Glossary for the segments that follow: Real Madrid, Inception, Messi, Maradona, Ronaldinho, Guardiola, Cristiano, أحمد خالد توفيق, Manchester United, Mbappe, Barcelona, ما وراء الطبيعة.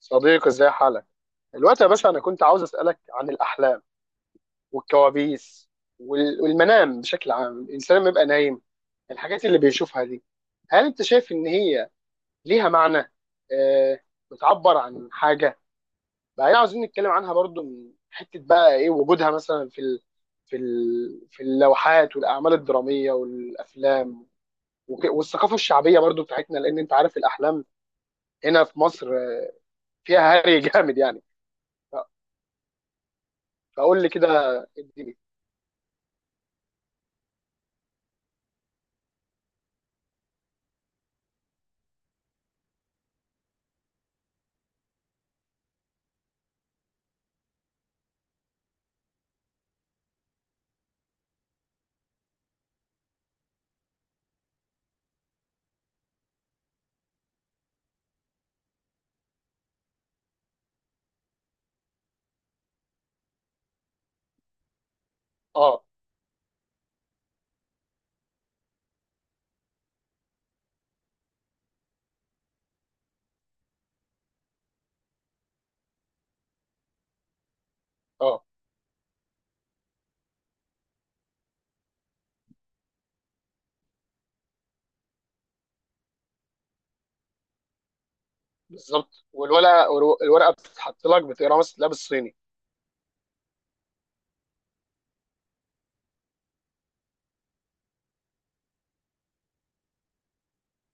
صديقي، ازاي حالك الوقت يا باشا؟ انا كنت عاوز اسالك عن الاحلام والكوابيس والمنام بشكل عام. الانسان لما يبقى نايم، الحاجات اللي بيشوفها دي، هل انت شايف ان هي ليها معنى؟ آه بتعبر عن حاجه؟ بعدين عاوزين نتكلم عنها برضو من حته بقى ايه وجودها مثلا في اللوحات والاعمال الدراميه والافلام، والثقافه الشعبيه برضو بتاعتنا. لان انت عارف الاحلام هنا في مصر فيها هري جامد يعني. ف- فقول لي كده الدنيا. اه، اه، بالظبط. والورقه، الورقه بتتحط لك، بتقراها مثلا تلاقيها بالصيني.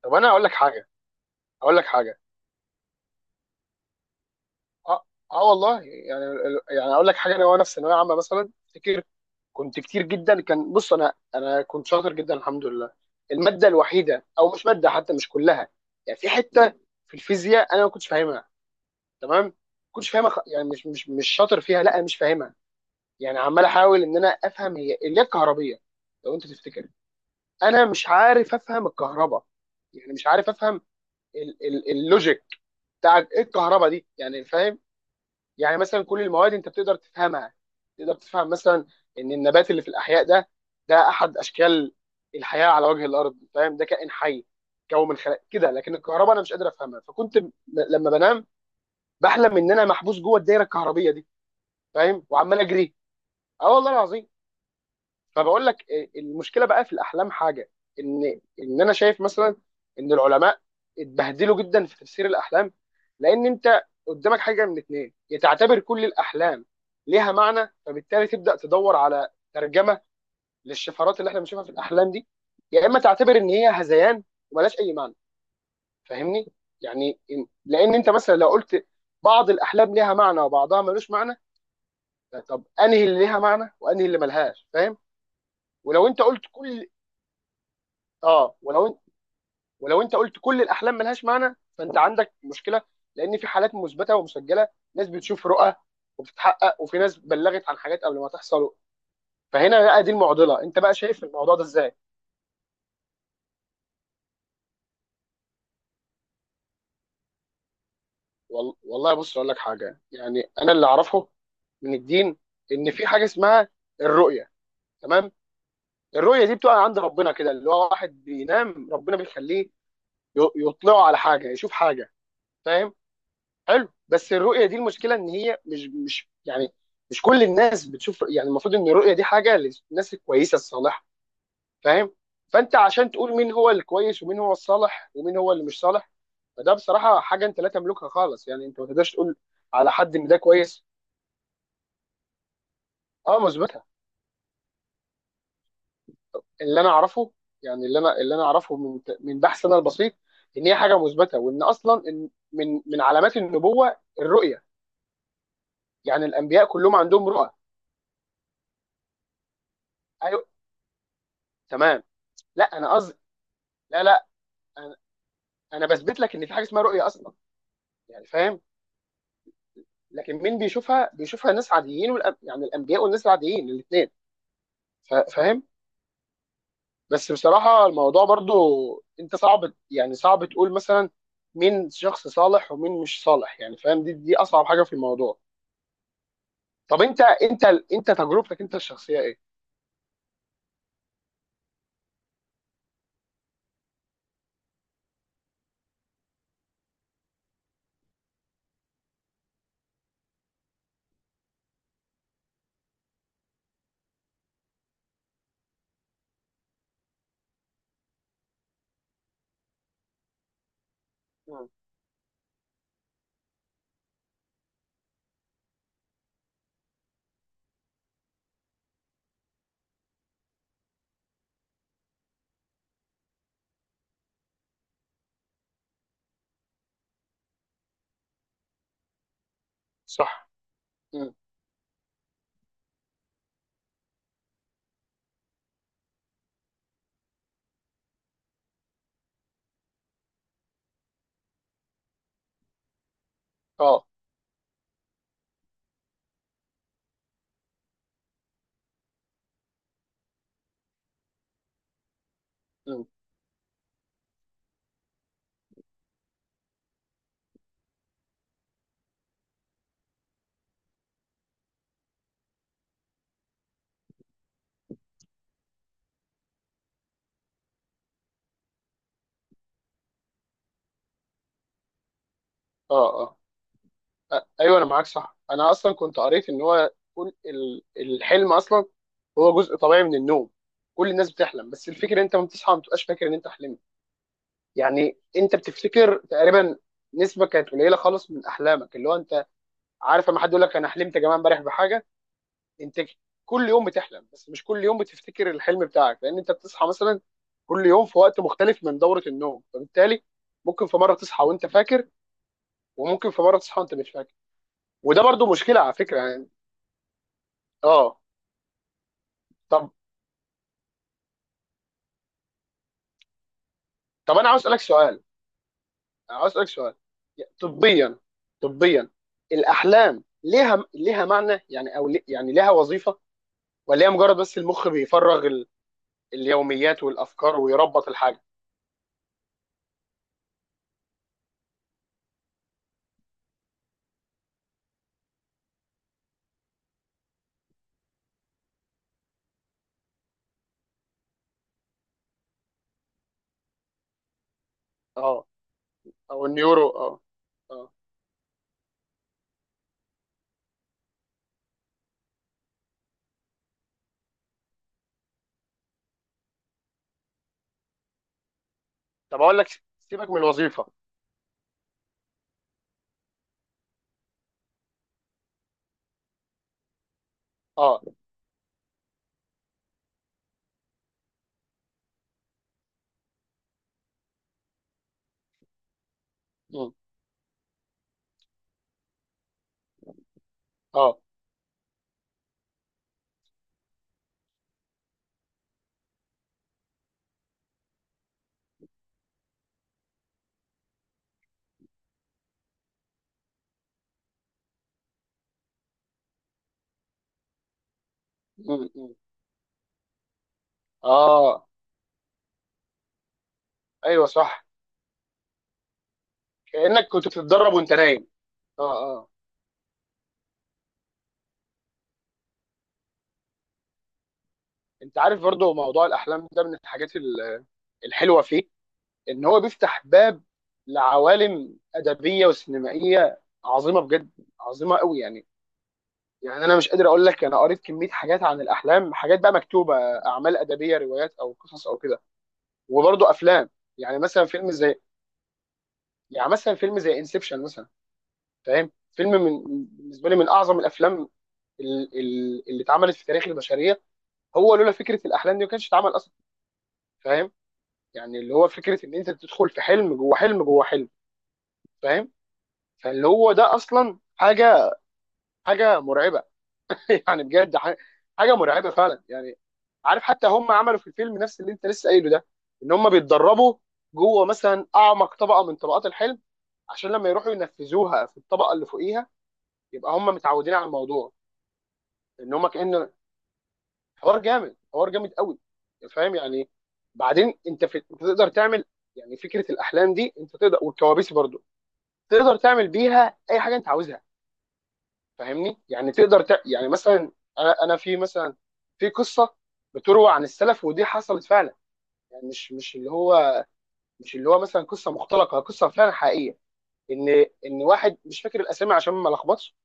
طب انا اقول لك حاجه. اقول لك حاجه اه، اه والله يعني. يعني اقول لك حاجه، انا وانا في ثانويه عامه مثلا افتكر كنت كتير جدا. كان بص، انا كنت شاطر جدا الحمد لله. الماده الوحيده او مش ماده حتى، مش كلها. يعني في حته في الفيزياء انا ما كنتش فاهمها تمام. ما كنتش فاهمها، يعني مش شاطر فيها. لا، انا مش فاهمها. يعني عمال احاول ان انا افهم هي اللي هي الكهربيه. لو انت تفتكر، انا مش عارف افهم الكهرباء. يعني مش عارف افهم اللوجيك بتاع ايه الكهرباء دي يعني. فاهم؟ يعني مثلا كل المواد انت بتقدر تفهمها. تقدر تفهم مثلا ان النبات اللي في الاحياء ده احد اشكال الحياه على وجه الارض، فاهم؟ ده كائن حي، كون من خلق كده. لكن الكهرباء انا مش قادر افهمها، فكنت لما بنام بحلم ان انا محبوس جوه الدايره الكهربيه دي، فاهم؟ وعمال اجري. اه والله العظيم. فبقول لك إيه، المشكله بقى في الاحلام حاجه، ان انا شايف مثلا ان العلماء اتبهدلوا جدا في تفسير الاحلام. لان انت قدامك حاجه من اتنين، يا تعتبر كل الاحلام ليها معنى فبالتالي تبدا تدور على ترجمه للشفرات اللي احنا بنشوفها في الاحلام دي، يا اما تعتبر ان هي هذيان وملهاش اي معنى. فاهمني؟ يعني لان انت مثلا لو قلت بعض الاحلام ليها معنى وبعضها ملوش معنى، طب انهي اللي ليها معنى وانهي اللي ملهاش، فاهم؟ ولو انت قلت كل... اه، ولو انت قلت كل الاحلام ملهاش معنى فانت عندك مشكله، لان في حالات مثبته ومسجله، ناس بتشوف رؤى وبتتحقق، وفي ناس بلغت عن حاجات قبل ما تحصل. فهنا بقى دي المعضله. انت بقى شايف الموضوع ده ازاي؟ والله بص، اقول لك حاجه. يعني انا اللي اعرفه من الدين ان في حاجه اسمها الرؤيه، تمام؟ الرؤيه دي بتقع عند ربنا كده، اللي هو واحد بينام ربنا بيخليه يطلعه على حاجه، يشوف حاجه، فاهم؟ حلو. بس الرؤيه دي المشكله ان هي مش يعني مش كل الناس بتشوف. يعني المفروض ان الرؤيه دي حاجه للناس الكويسه الصالحه، فاهم؟ فانت عشان تقول مين هو الكويس ومين هو الصالح ومين هو اللي مش صالح، فده بصراحه حاجه انت لا تملكها خالص. يعني انت ما تقدرش تقول على حد ان ده كويس. اه، مثبته. اللي انا اعرفه، يعني اللي انا اعرفه من بحث انا البسيط، ان هي حاجه مثبته، وان اصلا إن من علامات النبوه الرؤيه. يعني الانبياء كلهم عندهم رؤى. ايوه، تمام. لا، انا قصدي، لا، لا، انا انا بثبت لك ان في حاجه اسمها رؤيه اصلا، يعني فاهم؟ لكن مين بيشوفها؟ بيشوفها ناس عاديين والأب... يعني الانبياء والناس العاديين الاثنين، فاهم؟ بس بصراحه الموضوع برضو انت صعب، يعني صعب تقول مثلا مين شخص صالح ومين مش صالح، يعني فاهم، دي اصعب حاجه في الموضوع. طب انت تجربتك انت الشخصيه ايه؟ مم. صح. مم. اه. مم. اه، اه. ايوه انا معاك صح. انا اصلا كنت قريت ان هو كل الحلم اصلا هو جزء طبيعي من النوم. كل الناس بتحلم بس الفكره انت لما بتصحى ما بتبقاش فاكر ان انت حلمت. يعني انت بتفتكر تقريبا نسبه كانت قليله خالص من احلامك. اللي هو انت عارف لما حد يقول لك انا حلمت يا جماعه امبارح بحاجه، انت كل يوم بتحلم بس مش كل يوم بتفتكر الحلم بتاعك، لان انت بتصحى مثلا كل يوم في وقت مختلف من دوره النوم. فبالتالي ممكن في مره تصحى وانت فاكر، وممكن في مره تصحى وانت مش فاكر. وده برضو مشكله على فكره يعني. اه. طب طب انا عاوز اسالك سؤال. انا عاوز اسالك سؤال. طبيا طبيا، الاحلام ليها معنى يعني؟ او يعني ليها وظيفه؟ ولا هي مجرد بس المخ بيفرغ اليوميات والافكار ويربط الحاجه؟ اه، او النيورو، اه، اه. طب اقول لك، سيبك من الوظيفه. اه، مم. اه، مم. مم. اه. ايوه صح. كانك كنت بتتدرب وانت نايم. اه، اه. انت عارف برضو موضوع الاحلام ده من الحاجات الحلوه فيه ان هو بيفتح باب لعوالم ادبيه وسينمائيه عظيمه بجد، عظيمه قوي يعني. يعني انا مش قادر اقول لك، انا قريت كميه حاجات عن الاحلام، حاجات بقى مكتوبه اعمال ادبيه روايات او قصص او كده، وبرضه افلام. يعني مثلا فيلم زي يعني مثلا فيلم زي انسبشن مثلا، فاهم؟ فيلم من بالنسبه لي من اعظم الافلام اللي اتعملت في تاريخ البشريه. هو لولا فكره الاحلام دي ما كانش اتعمل اصلا، فاهم؟ يعني اللي هو فكره ان انت تدخل في حلم جوه حلم جوه حلم، فاهم؟ فاللي هو ده اصلا حاجه، حاجه مرعبه يعني بجد حاجه مرعبه فعلا يعني. عارف حتى هم عملوا في الفيلم نفس اللي انت لسه قايله ده، ان هم بيتدربوا جوه مثلا اعمق طبقه من طبقات الحلم عشان لما يروحوا ينفذوها في الطبقه اللي فوقيها يبقى هم متعودين على الموضوع. ان هم كأن حوار جامد، حوار جامد قوي، فاهم يعني؟ بعدين انت انت تقدر تعمل، يعني فكره الاحلام دي انت تقدر والكوابيس برضو تقدر تعمل بيها اي حاجه انت عاوزها، فاهمني؟ يعني تقدر يعني مثلا انا في مثلا، في قصه بتروى عن السلف ودي حصلت فعلا، يعني مش اللي هو مثلا قصه مختلقه، قصه فعلا حقيقيه. ان ان واحد مش فاكر الاسامي عشان ما لخبطش،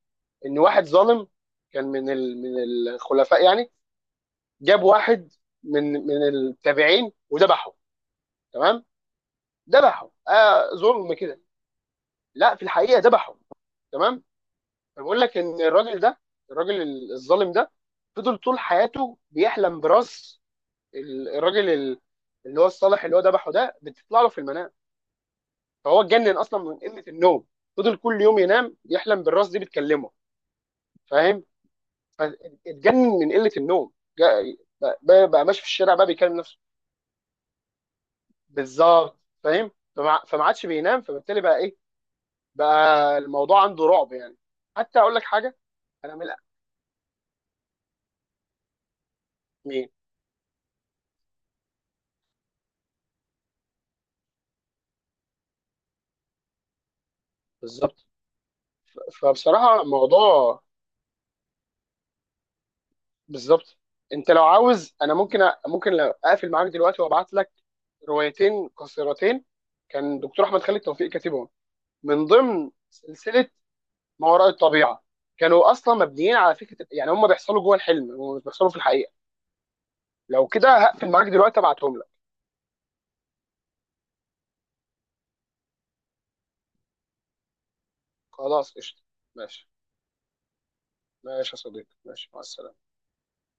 ان واحد ظالم كان من من الخلفاء يعني، جاب واحد من التابعين وذبحه. تمام. ذبحه، ظلم كده. لا، في الحقيقه ذبحه. تمام. بقول لك ان الراجل ده، الراجل الظالم ده فضل طول حياته بيحلم براس ال- الراجل ال- اللي هو الصالح اللي هو ذبحه ده، بتطلع له في المنام. فهو اتجنن اصلا من قله النوم. فضل كل يوم ينام يحلم بالراس دي بتكلمه، فاهم؟ فاتجنن من قله النوم. بقى ماشي في الشارع بقى بيكلم نفسه. بالظبط، فاهم؟ فما عادش بينام فبالتالي بقى ايه، بقى الموضوع عنده رعب يعني. حتى اقول لك حاجه. انا من... مين؟ بالظبط. فبصراحه موضوع. بالظبط. انت لو عاوز، انا ممكن ممكن لو اقفل معاك دلوقتي وابعت لك روايتين قصيرتين كان دكتور احمد خالد توفيق كاتبهم، من ضمن سلسله ما وراء الطبيعه. كانوا اصلا مبنيين على فكره، يعني هم بيحصلوا جوه الحلم ومش بيحصلوا في الحقيقه. لو كده هقفل معاك دلوقتي ابعتهم لك. خلاص، قشطه. ماشي. ماشي يا صديقي، ماشي، مع السلامه.